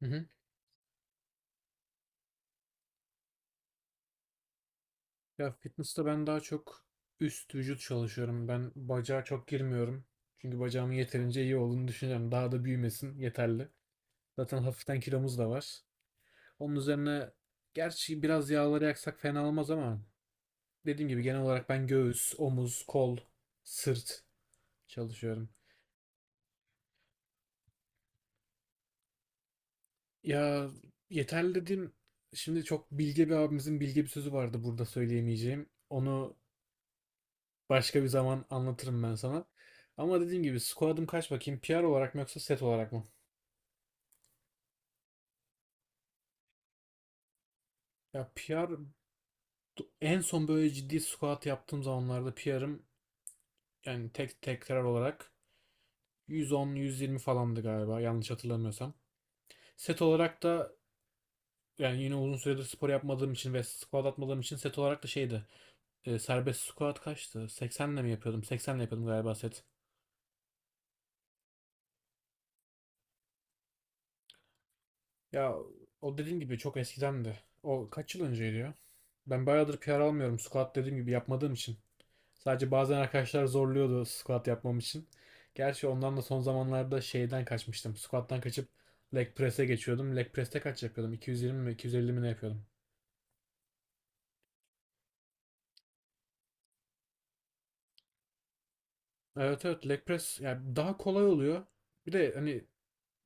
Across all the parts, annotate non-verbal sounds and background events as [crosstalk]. Hı hı. Ya fitness'ta ben daha çok üst vücut çalışıyorum. Ben bacağa çok girmiyorum. Çünkü bacağımın yeterince iyi olduğunu düşünüyorum. Daha da büyümesin, yeterli. Zaten hafiften kilomuz da var. Onun üzerine gerçi biraz yağları yaksak fena olmaz ama dediğim gibi genel olarak ben göğüs, omuz, kol, sırt çalışıyorum. Ya yeterli dediğim, şimdi çok bilge bir abimizin bilge bir sözü vardı, burada söyleyemeyeceğim. Onu başka bir zaman anlatırım ben sana. Ama dediğim gibi squat'ım kaç bakayım? PR olarak mı yoksa set olarak mı? Ya PR, en son böyle ciddi squat yaptığım zamanlarda PR'ım, yani tek tekrar olarak, 110-120 falandı galiba, yanlış hatırlamıyorsam. Set olarak da, yani yine uzun süredir spor yapmadığım için ve squat atmadığım için, set olarak da şeydi. Serbest squat kaçtı? 80'le mi yapıyordum? 80'le yapıyordum galiba set. Ya o dediğim gibi çok eskidendi. O kaç yıl önceydi ya? Ben bayağıdır PR almıyorum. Squat dediğim gibi yapmadığım için. Sadece bazen arkadaşlar zorluyordu squat yapmam için. Gerçi ondan da son zamanlarda şeyden kaçmıştım. Squat'tan kaçıp leg press'e geçiyordum. Leg press'te kaç yapıyordum? 220 mi 250 mi ne yapıyordum? Evet, evet, leg press yani daha kolay oluyor. Bir de hani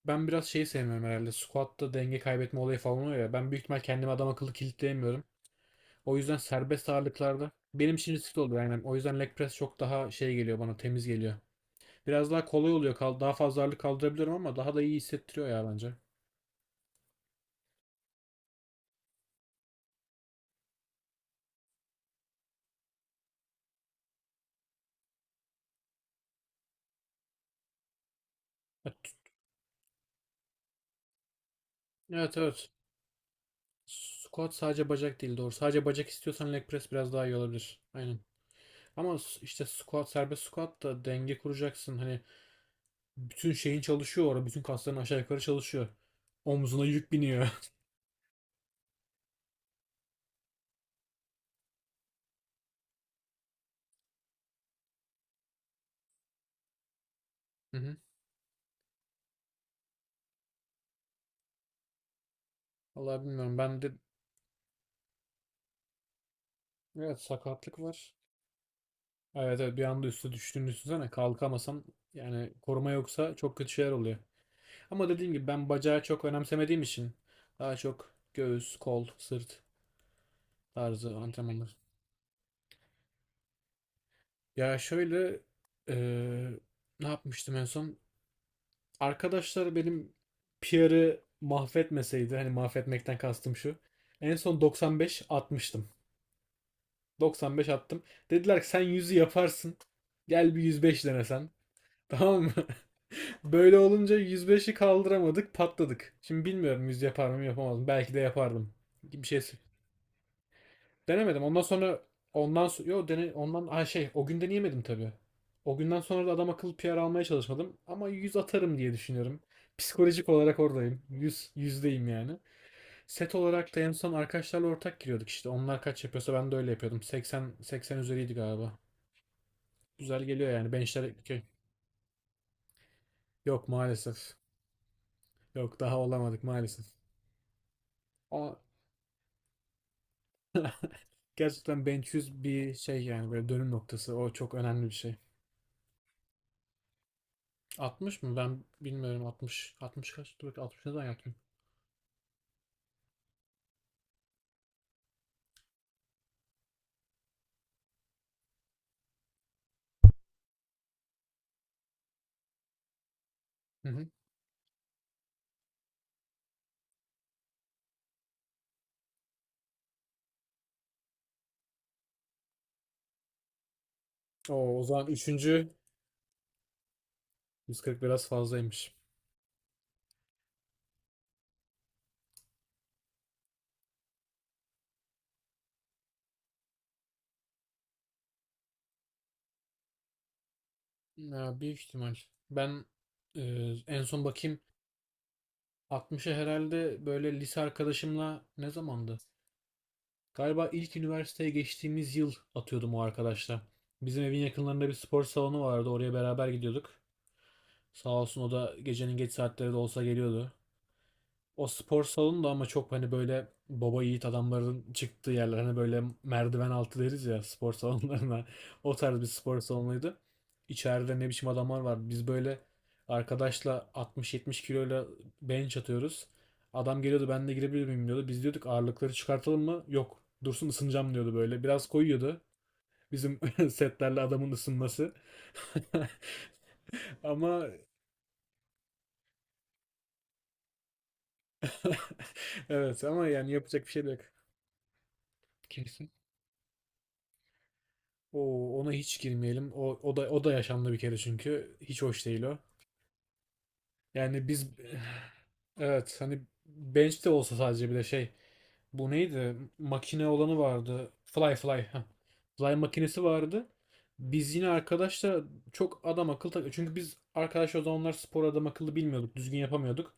ben biraz şeyi sevmiyorum herhalde. Squat'ta denge kaybetme olayı falan oluyor ya. Ben büyük ihtimal kendimi adam akıllı kilitleyemiyorum. O yüzden serbest ağırlıklarda benim için riskli oluyor. Yani o yüzden leg press çok daha şey geliyor bana, temiz geliyor. Biraz daha kolay oluyor. Kal, daha fazla ağırlık kaldırabiliyorum ama daha da iyi hissettiriyor ya bence. Evet, evet. Squat sadece bacak değil, doğru. Sadece bacak istiyorsan leg press biraz daha iyi olabilir. Aynen. İşte squat, serbest squat da denge kuracaksın. Hani bütün şeyin çalışıyor orada. Bütün kasların aşağı yukarı çalışıyor. Omzuna yük biniyor. [laughs] Hı hı. Vallahi bilmiyorum. Ben de, evet, sakatlık var. Evet, evet, bir anda üstü düştüğünü düşünsene, kalkamasan, yani koruma yoksa çok kötü şeyler oluyor. Ama dediğim gibi ben bacağı çok önemsemediğim için daha çok göğüs, kol, sırt tarzı antrenmanlar. Ya şöyle, eee, ne yapmıştım en son? Arkadaşlar benim PR'ı mahvetmeseydi, hani mahvetmekten kastım şu. En son 95 atmıştım. 95 attım. Dediler ki sen 100'ü yaparsın. Gel bir 105 denesen. [laughs] Tamam mı? Böyle olunca 105'i kaldıramadık, patladık. Şimdi bilmiyorum 100 yapar mı yapamaz mı. Belki de yapardım. Bir şey denemedim. Ondan sonra, yo dene ondan ay şey, o gün deneyemedim tabii. O günden sonra da adam akıllı PR almaya çalışmadım ama 100 atarım diye düşünüyorum. Psikolojik olarak oradayım. Yüz yüzdeyim yani. Set olarak da en son arkadaşlarla ortak giriyorduk işte. Onlar kaç yapıyorsa ben de öyle yapıyordum. 80, 80 üzeriydi galiba. Güzel geliyor yani benchler, şey, yok maalesef. Yok, daha olamadık maalesef. Ama [laughs] gerçekten benchüz bir şey, yani böyle dönüm noktası. O çok önemli bir şey. 60 mı? Ben bilmiyorum 60. 60 kaç? Dur bakayım, 60 ne zaman yaptım? Hı hı. Oo, o zaman 3. 140 biraz fazlaymış. Ya, büyük ihtimal. Ben, e, en son bakayım, 60'a herhalde, böyle lise arkadaşımla, ne zamandı? Galiba ilk üniversiteye geçtiğimiz yıl atıyordum o arkadaşla. Bizim evin yakınlarında bir spor salonu vardı. Oraya beraber gidiyorduk. Sağ olsun, o da gecenin geç saatleri de olsa geliyordu. O spor salonu da ama çok, hani böyle baba yiğit adamların çıktığı yerler, hani böyle merdiven altı deriz ya spor salonlarına, [laughs] o tarz bir spor salonuydu. İçeride ne biçim adamlar var. Biz böyle arkadaşla 60-70 kiloyla bench atıyoruz. Adam geliyordu, ben de girebilir miyim diyordu. Biz diyorduk, ağırlıkları çıkartalım mı? Yok, dursun, ısınacağım diyordu böyle. Biraz koyuyordu. Bizim [laughs] setlerle adamın ısınması. [laughs] Ama [laughs] evet, ama yani yapacak bir şey de yok. O ona hiç girmeyelim. O da o da yaşandı bir kere, çünkü hiç hoş değil o. Yani biz [sighs] evet, hani bench de olsa, sadece bir de şey, bu neydi? Makine olanı vardı. Fly. Fly makinesi vardı. Biz yine arkadaşlar çok adam akıllı çünkü biz arkadaş o zamanlar spor adam akıllı bilmiyorduk. Düzgün yapamıyorduk.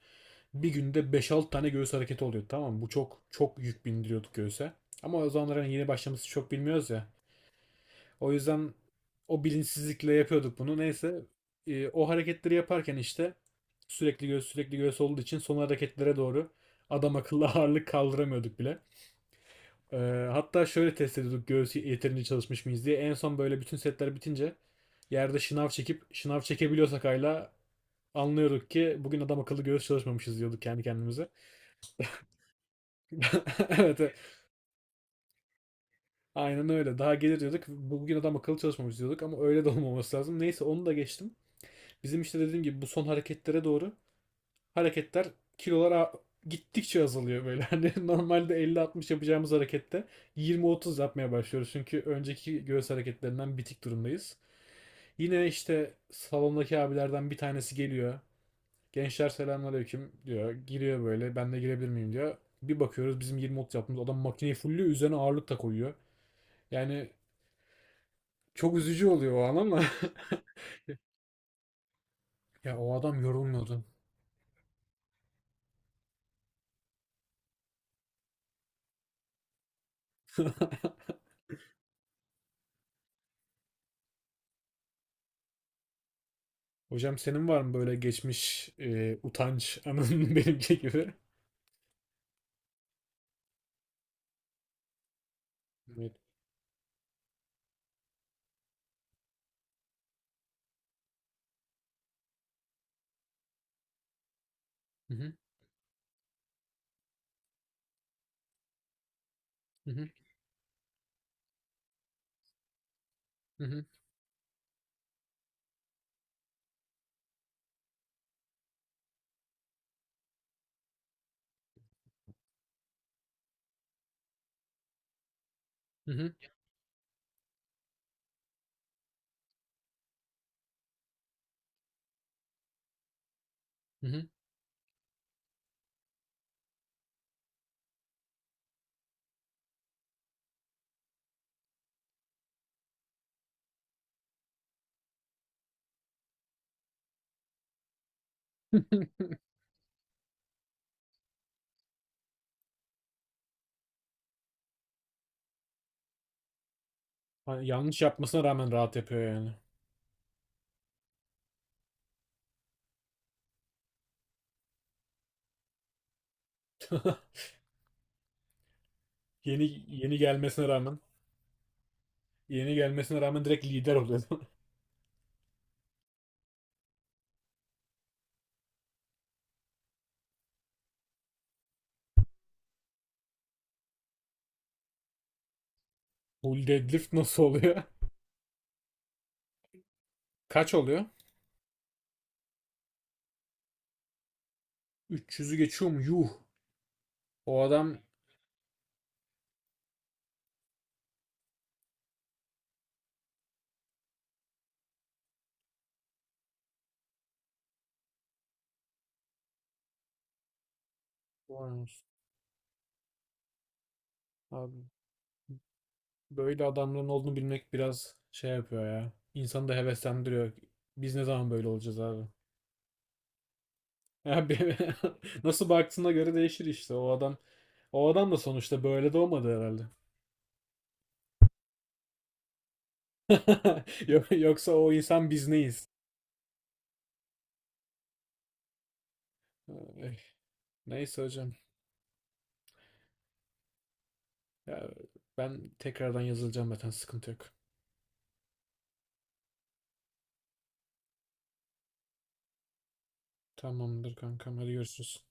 Bir günde beş, 6 tane göğüs hareketi oluyordu, tamam mı? Bu çok çok yük bindiriyorduk göğüse. Ama o zamanlar hani yeni başlaması, çok bilmiyoruz ya. O yüzden o bilinçsizlikle yapıyorduk bunu. Neyse, o hareketleri yaparken işte sürekli göğüs, sürekli göğüs olduğu için son hareketlere doğru adam akıllı [laughs] ağırlık kaldıramıyorduk bile. E, hatta şöyle test ediyorduk göğüs yeterince çalışmış mıyız diye. En son böyle bütün setler bitince yerde şınav çekip, şınav çekebiliyorsak hala, anlıyorduk ki bugün adam akıllı göğüs çalışmamışız, diyorduk kendi kendimize. [laughs] Evet, evet. Aynen öyle. Daha gelir diyorduk. Bugün adam akıllı çalışmamışız diyorduk, ama öyle de olmaması lazım. Neyse onu da geçtim. Bizim işte dediğim gibi bu son hareketlere doğru hareketler, kilolar gittikçe azalıyor böyle. [laughs] Hani normalde 50-60 yapacağımız harekette 20-30 yapmaya başlıyoruz. Çünkü önceki göğüs hareketlerinden bitik durumdayız. Yine işte salondaki abilerden bir tanesi geliyor. Gençler selamünaleyküm diyor. Giriyor böyle. Ben de girebilir miyim diyor. Bir bakıyoruz bizim 20-30 yaptığımız adam makineyi fullüyor. Üzerine ağırlık da koyuyor. Yani çok üzücü oluyor o an, ama [laughs] ya o adam yorulmuyordu. Hocam senin var mı böyle geçmiş, utanç anın [laughs] benimki gibi? Evet. Hı hı, hı hı, hı hı, hı hı, hı hı. Hani yanlış yapmasına rağmen rahat yapıyor yani. Yeni yeni gelmesine rağmen, yeni gelmesine rağmen direkt lider oluyor. [laughs] Full deadlift nasıl oluyor? Kaç oluyor? 300'ü geçiyor mu? Yuh. O adam varmış. Abi, böyle adamların olduğunu bilmek biraz şey yapıyor ya. İnsanı da heveslendiriyor. Biz ne zaman böyle olacağız abi? Ya be- [laughs] nasıl baktığına göre değişir işte. O adam, o adam da sonuçta böyle doğmadı herhalde. [laughs] Yoksa o insan, biz neyiz? Ay, neyse hocam. Ya ben tekrardan yazılacağım, zaten sıkıntı yok. Tamamdır kankam, hadi görüşürüz.